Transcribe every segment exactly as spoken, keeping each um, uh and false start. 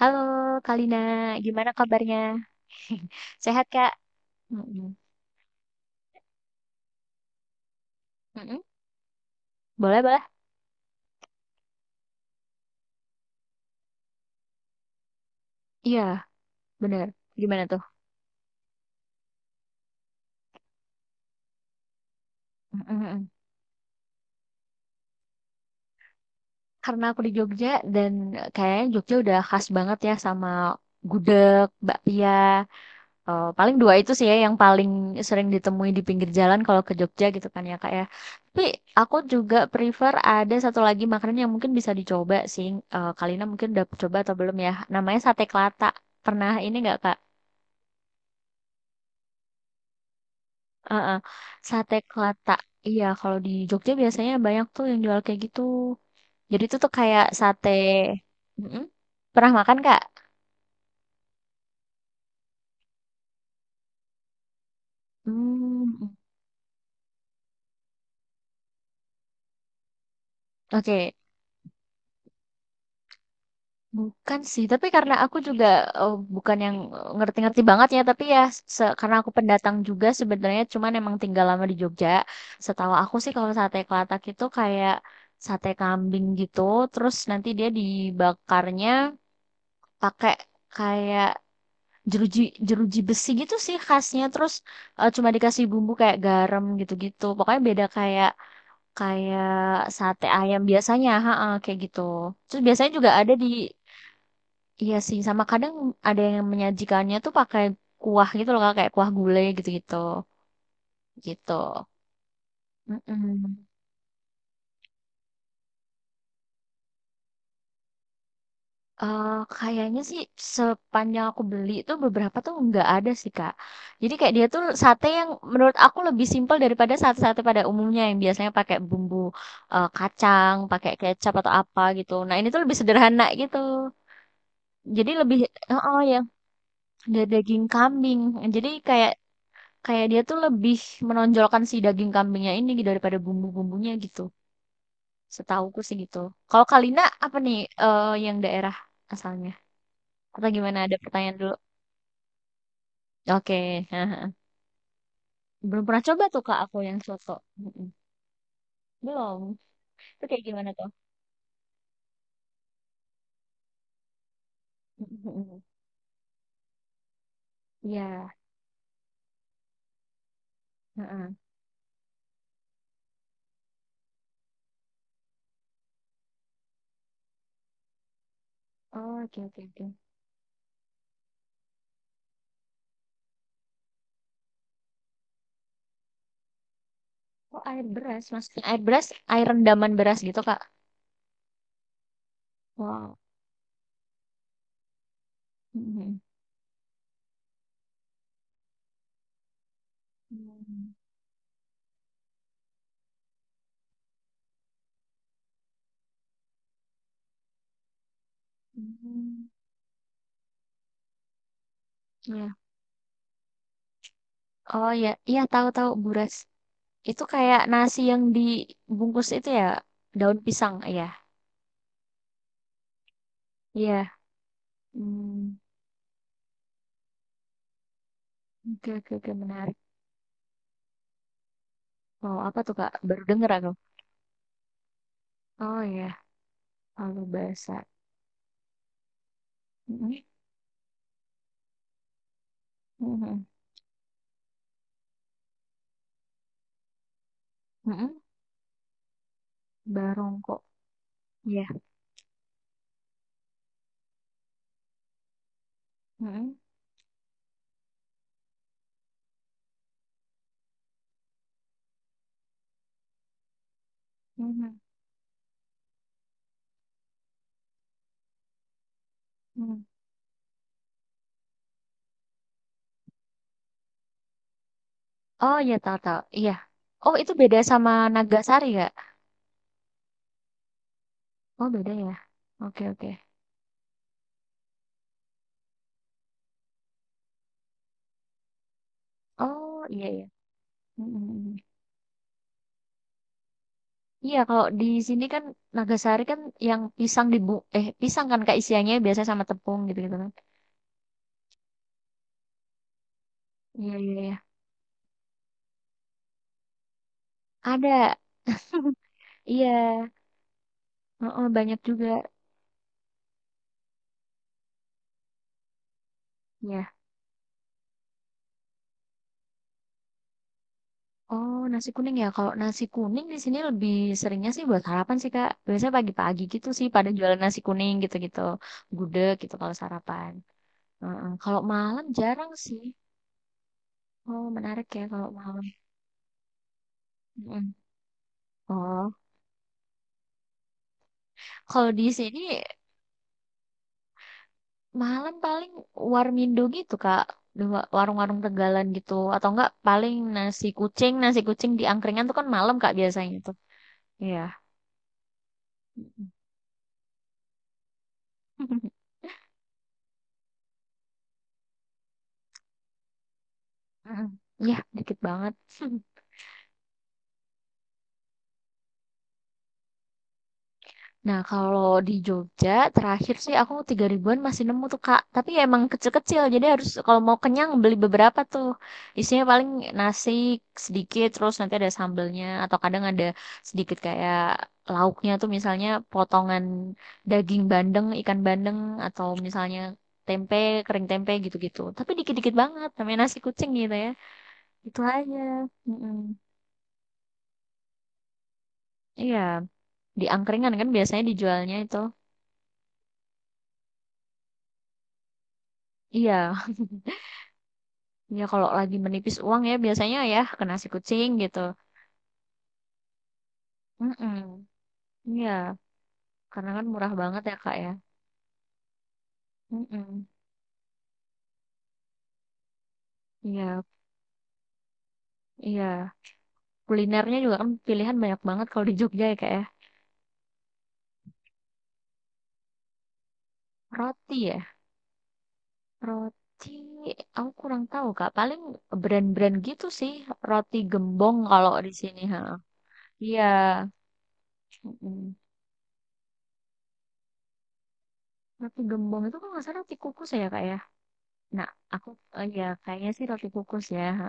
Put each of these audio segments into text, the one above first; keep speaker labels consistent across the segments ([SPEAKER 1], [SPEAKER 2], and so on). [SPEAKER 1] Halo Kalina, gimana kabarnya? Sehat Kak? Mm-mm. Mm-mm. Boleh, boleh. Iya, bener. Gimana tuh? Mm-mm. Karena aku di Jogja dan eh, kayaknya Jogja udah khas banget ya sama gudeg, bakpia. Eh, paling dua itu sih ya yang paling sering ditemui di pinggir jalan kalau ke Jogja gitu kan ya Kak ya. Tapi aku juga prefer ada satu lagi makanan yang mungkin bisa dicoba sih. Eh, Kalina mungkin udah coba atau belum ya? Namanya sate kelata. Pernah ini nggak Kak? Heeh. Sate Kelata. Iya, kalau di Jogja biasanya banyak tuh yang jual kayak gitu. Jadi itu tuh kayak sate. Mm-mm. Pernah makan, Kak? Hmm, oke, bukan sih, tapi karena aku juga eh, bukan yang eh, ngerti-ngerti banget ya, tapi ya se- karena aku pendatang juga sebenarnya, cuman emang tinggal lama di Jogja. Setahu aku sih kalau sate kelatak itu kayak sate kambing gitu, terus nanti dia dibakarnya pakai kayak jeruji jeruji besi gitu sih khasnya terus eh, cuma dikasih bumbu kayak garam gitu-gitu pokoknya beda kayak kayak sate ayam biasanya ha ha, kayak gitu terus biasanya juga ada di iya sih sama kadang ada yang menyajikannya tuh pakai kuah gitu loh Kak, kayak kuah gulai gitu-gitu gitu mm. Eh, Kayaknya sih sepanjang aku beli tuh beberapa tuh nggak ada sih Kak. Jadi kayak dia tuh sate yang menurut aku lebih simpel daripada sate-sate pada umumnya yang biasanya pakai bumbu eh, kacang, pakai kecap atau apa gitu. Nah ini tuh lebih sederhana gitu. Jadi lebih oh, oh ya da- daging kambing. Jadi kayak kayak dia tuh lebih menonjolkan si daging kambingnya ini gitu daripada bumbu-bumbunya gitu. Setahuku sih gitu. Kalau Kalina apa nih eh, yang daerah asalnya? Atau gimana? Ada pertanyaan dulu. Oke, haha. Belum pernah coba tuh Kak aku yang soto. Mm-mm. Belum. Itu kayak gimana tuh? Mm-mm. Iya. Heeh. Oh, oke oke oke. Oh, air beras, maksudnya air beras, air rendaman beras gitu Kak. Wow. Mm-mm. Hmm. Hmm. Ya. Oh ya, iya tahu-tahu buras. Itu kayak nasi yang dibungkus itu ya, daun pisang ya. Iya. Hmm. Oke oke oke menarik. Wow, apa tuh Kak? Baru denger aku. Oh ya, palu basah. Mm-mm. Mm-mm. Barongko. Ya, mm-mm. Mhm. Mm. Oh ya tahu tahu. Iya. Oh itu beda sama Nagasari nggak? Oh beda ya. Oke oke. Oh iya iya. Mm-mm. Iya kalau di sini kan Nagasari kan yang pisang dibu eh pisang kan kak isiannya biasanya sama tepung gitu gitu kan. Iya iya iya. Ada. Iya. Oh banyak juga. Ya. Oh, nasi kuning ya. Kalau nasi kuning di sini lebih seringnya sih buat sarapan sih, Kak. Biasanya pagi-pagi gitu sih pada jualan nasi kuning gitu-gitu. Gudeg gitu kalau sarapan. Heeh. Kalau malam jarang sih. Oh, menarik ya kalau malam. Mm. Oh, kalau di sini malam paling warmindo gitu, Kak. Di wa- Warung-warung Tegalan gitu. Atau enggak paling nasi kucing. Nasi kucing di angkringan tuh kan malam, Kak, biasanya tuh. Iya. Ya, dikit banget. Nah, kalau di Jogja terakhir sih aku tiga ribuan masih nemu tuh Kak. Tapi ya emang kecil-kecil, jadi harus kalau mau kenyang beli beberapa tuh. Isinya paling nasi sedikit, terus nanti ada sambelnya atau kadang ada sedikit kayak lauknya tuh misalnya potongan daging bandeng, ikan bandeng atau misalnya tempe, kering tempe gitu-gitu. Tapi dikit-dikit banget, namanya nasi kucing gitu ya. Itu aja. Mm-mm. Iya, di angkringan kan biasanya dijualnya itu. Iya. Ya kalau lagi menipis uang ya biasanya ya ke nasi kucing gitu. Mm-mm. Iya, karena kan murah banget ya Kak ya. Mm-mm. Iya, iya. Kulinernya juga kan pilihan banyak banget kalau di Jogja ya Kak ya. Roti ya, roti aku kurang tahu Kak. Paling brand-brand gitu sih, roti gembong kalau di sini. Ha. Iya. Mm-mm. Roti gembong itu kan nggak salah roti kukus ya Kak ya. Nah, aku eh, ya kayaknya sih roti kukus ya. Ha.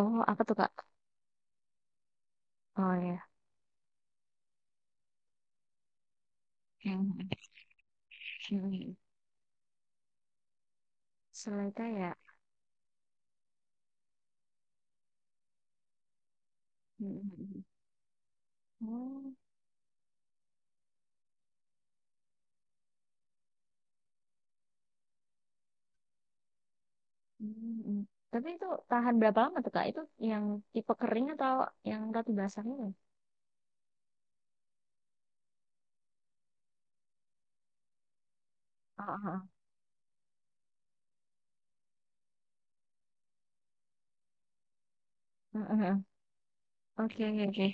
[SPEAKER 1] Oh, apa tuh Kak? Oh ya. Hmm, selai kayak. Hmm, hmm, hmm. Oh, hmm, hmm. Tapi itu tahan berapa lama tuh Kak? Itu yang tipe kering atau yang roti basahnya? Oh, oh, oh. Hmm, hmm, hmm. Oke, oke, oke.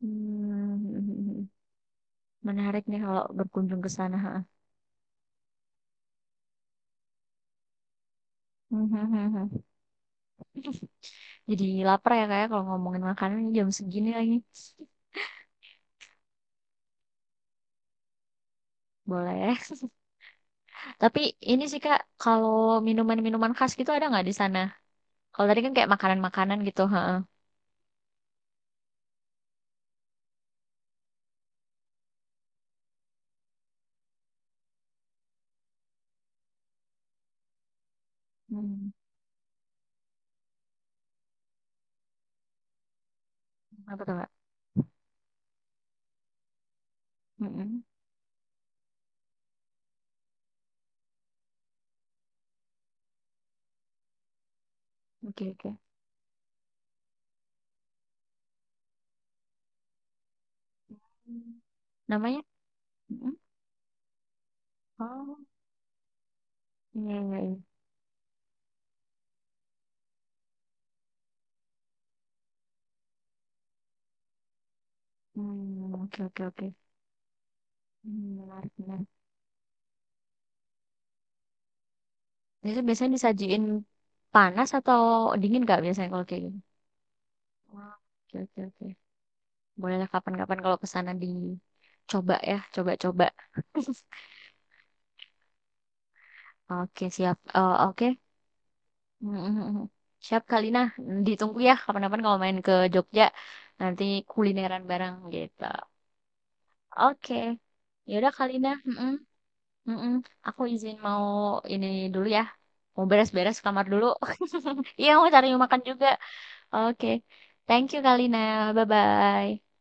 [SPEAKER 1] Hmm, hmm, hmm. Menarik nih kalau berkunjung ke sana. Ha. Hmm, hmm, hmm, hmm. Jadi lapar ya kayak kalau ngomongin makanan ini jam segini lagi. Boleh. Tapi ini sih Kak, kalau minuman-minuman khas gitu ada nggak di sana? Kalau tadi kan kayak makanan-makanan gitu. Ha. Hmm. Apa tuh Kak? Hmm, hmm. Oke, oke. Namanya? Mm, oh, iya, iya, iya. Hmm, oke, oke, oke. Hmm, menarik, menarik. Itu biasanya disajiin panas atau dingin nggak biasanya kalau kayak gini? Wah, oke, oke, oke. Bolehlah kapan-kapan kalau ke sana dicoba ya, coba-coba. Oke, siap. Eh, oke. Mm, mm, mm, mm. Siap, Kalina. Ditunggu ya kapan-kapan kalau main ke Jogja. Nanti kulineran bareng gitu. Oke. Yaudah, Kalina. Mm, mm. Mm-mm. Aku izin mau ini dulu ya. Mau beres-beres kamar dulu. Iya, mau cari makan juga. Oke. Thank you, Kalina. Bye-bye.